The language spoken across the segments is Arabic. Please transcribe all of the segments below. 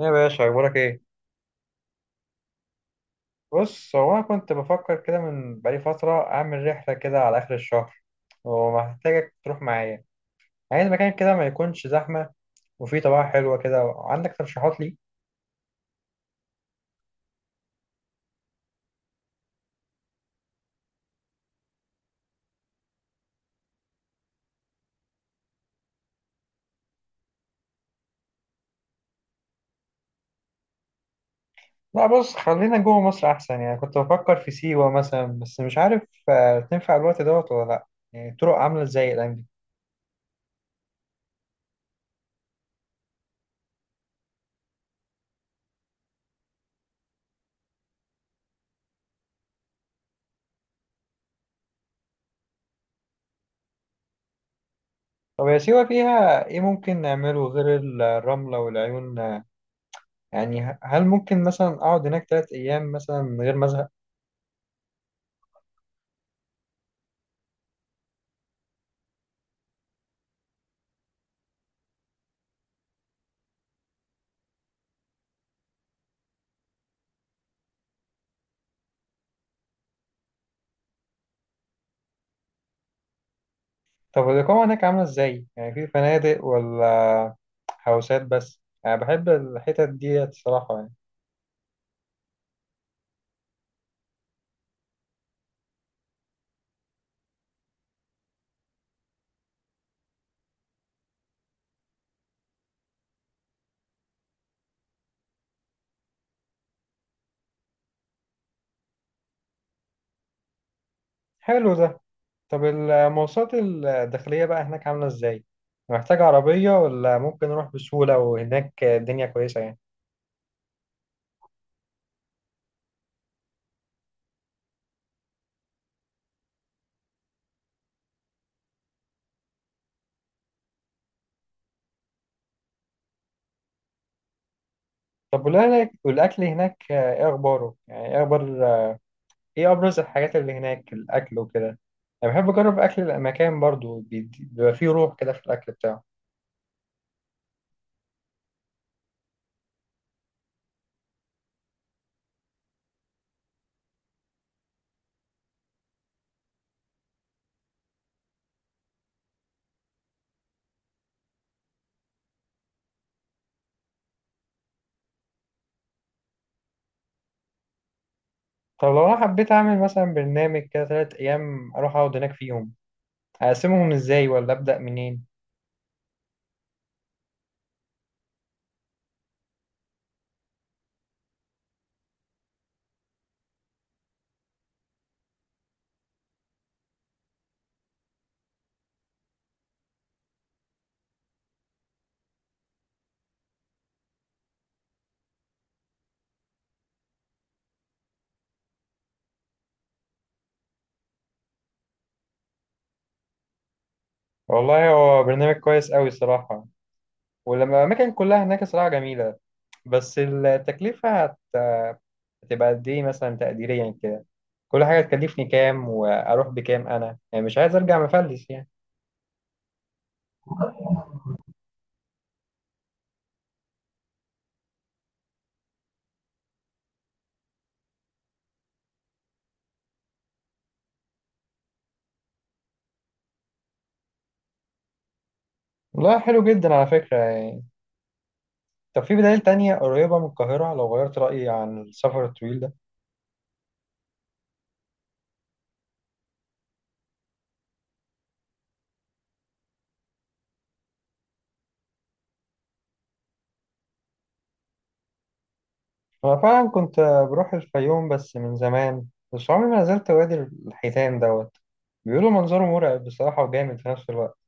إيه يا باشا أخبارك إيه؟ بص، هو أنا كنت بفكر كده من بقالي فترة أعمل رحلة كده على آخر الشهر ومحتاجك تروح معايا. عايز مكان كده ما يكونش زحمة وفيه طبيعة حلوة كده. عندك ترشيحات لي؟ لا، بص، خلينا جوه مصر أحسن. يعني كنت بفكر في سيوة مثلا بس مش عارف تنفع الوقت دوت ولا لأ؟ يعني الطرق عاملة إزاي الأيام دي؟ طب يا سيوة فيها إيه ممكن نعمله غير الرملة والعيون؟ يعني هل ممكن مثلا أقعد هناك 3 أيام مثلا من غير ما أزهق؟ طب الإقامة هناك عاملة إزاي؟ يعني في فنادق ولا هوسات بس؟ أنا بحب الحتت دي الصراحة يعني. حلو ده. طب المواصلات الداخلية بقى هناك عاملة إزاي؟ محتاج عربية ولا ممكن أروح بسهولة وهناك الدنيا كويسة يعني؟ طب والأكل هناك إيه أخباره؟ يعني إيه أبرز الحاجات اللي هناك الأكل وكده؟ أنا بحب أجرب أكل المكان برضو بيبقى فيه روح كده في الأكل بتاعه. طب لو أنا حبيت أعمل مثلا برنامج كده 3 أيام أروح أقعد هناك فيهم، اقسمهم ازاي ولا ابدا منين؟ والله، هو برنامج كويس قوي صراحه، ولما الاماكن كلها هناك صراحه جميله. بس التكلفه هتبقى قد ايه مثلا تقديريا كده؟ كل حاجه تكلفني كام واروح بكام؟ انا يعني مش عايز ارجع مفلس يعني. والله حلو جدا على فكره يعني. طب في بدائل تانية قريبة من القاهرة لو غيرت رأيي عن السفر الطويل ده؟ أنا فعلا كنت بروح الفيوم بس من زمان، بس عمري ما نزلت وادي الحيتان دوت. بيقولوا منظره مرعب بصراحة وجامد في نفس الوقت.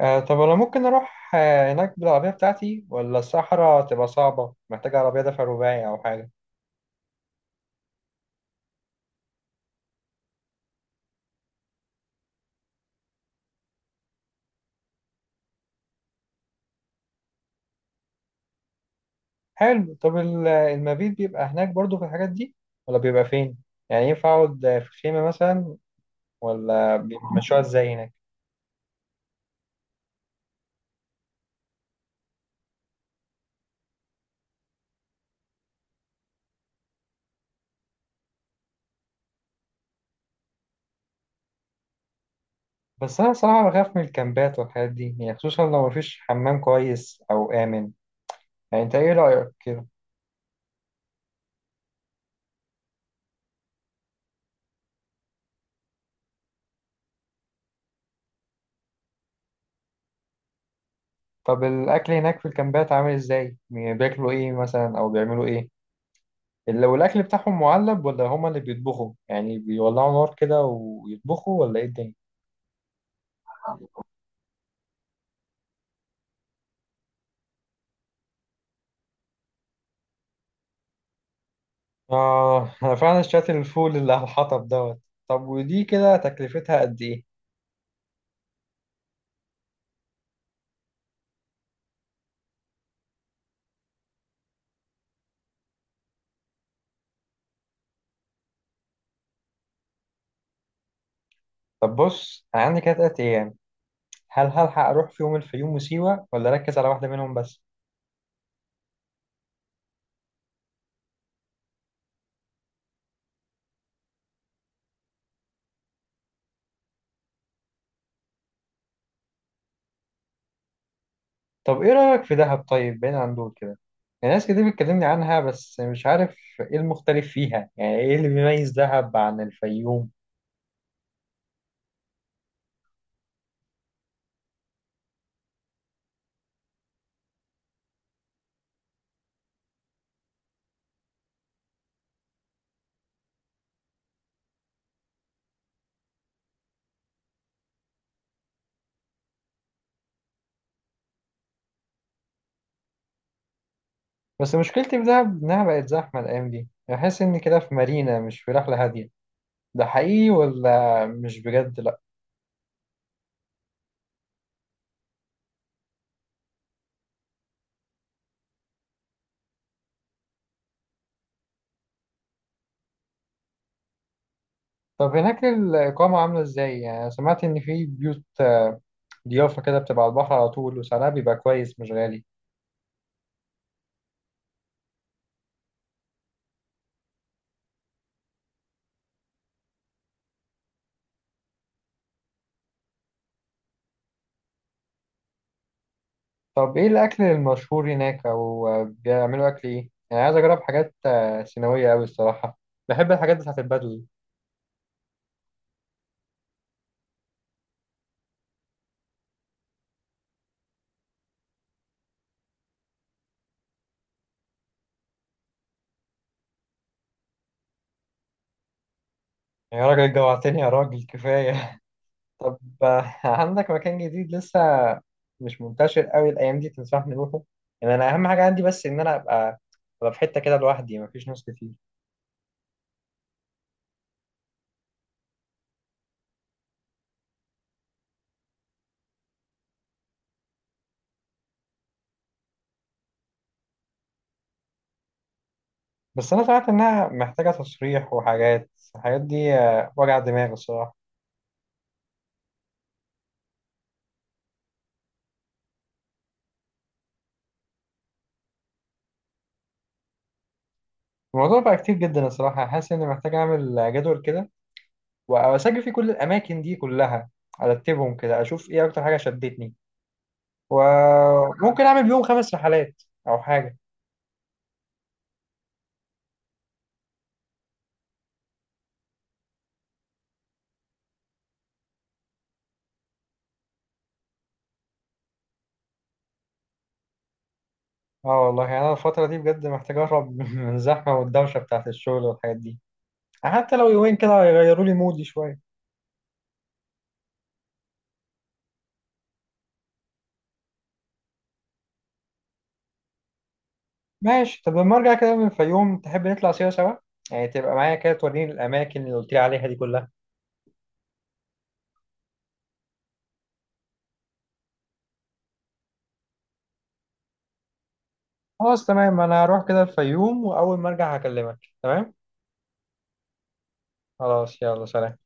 طب انا ممكن اروح هناك بالعربية بتاعتي ولا الصحراء تبقى صعبة محتاجة عربية دفع رباعي او حاجة؟ حلو. طب المبيت بيبقى هناك برضو في الحاجات دي ولا بيبقى فين؟ يعني ينفع اقعد في خيمة مثلا ولا بيمشوها ازاي هناك؟ بس انا صراحة بخاف من الكامبات والحاجات دي، يعني خصوصا لو مفيش حمام كويس او امن. يعني انت ايه رأيك كده؟ طب الاكل هناك في الكامبات عامل ازاي؟ بياكلوا ايه مثلا او بيعملوا ايه؟ لو الأكل بتاعهم معلب ولا هما اللي بيطبخوا يعني بيولعوا نار كده ويطبخوا ولا إيه الدنيا؟ آه. أنا فعلا اشتريت الفول اللي على الحطب دوت. طب ودي كده تكلفتها قد إيه؟ طب بص، أنا عندي كده 3 أيام. هل هلحق أروح في يوم الفيوم وسيوة ولا أركز على واحدة منهم بس؟ طب إيه رأيك في دهب طيب بعيد عن دول كده؟ يعني ناس كتير بتكلمني عنها بس مش عارف إيه المختلف فيها. يعني إيه اللي بيميز دهب عن الفيوم؟ بس مشكلتي في دهب إنها بقت زحمة الأيام دي، بحس إني كده في مارينا مش في رحلة هادية. ده حقيقي ولا مش بجد؟ لأ. طب هناك الإقامة عاملة إزاي؟ يعني سمعت إن في بيوت ضيافة كده بتبقى على البحر على طول وسعرها بيبقى كويس مش غالي. طب إيه الأكل المشهور هناك؟ أو بيعملوا أكل إيه؟ يعني عايز أجرب حاجات سيناوية أوي الصراحة. بحب الحاجات بتاعت البدوي. يا راجل جوعتني يا راجل، كفاية! طب عندك مكان جديد لسه مش منتشر قوي الايام دي تنصحني نروحه؟ يعني انا اهم حاجه عندي بس ان انا ابقى في حته كده لوحدي مفيش ناس كتير. بس انا سمعت انها محتاجه تصريح وحاجات. الحاجات دي وجع دماغ الصراحه. الموضوع بقى كتير جدا الصراحه. حاسس اني محتاج اعمل جدول كده واسجل فيه كل الاماكن دي كلها، ارتبهم كده اشوف ايه اكتر حاجه شدتني، وممكن اعمل بيهم 5 رحلات او حاجه. اه والله يعني انا الفترة دي بجد محتاج اهرب من الزحمة والدوشة بتاعت الشغل والحاجات دي. حتى لو يومين كده هيغيروا لي مودي شوية. ماشي. طب لما ارجع كده من الفيوم تحب نطلع سوا سوا؟ يعني تبقى معايا كده توريني الاماكن اللي قلت لي عليها دي كلها. خلاص تمام، انا هروح كده الفيوم واول ما ارجع هكلمك. تمام. خلاص، يلا سلام.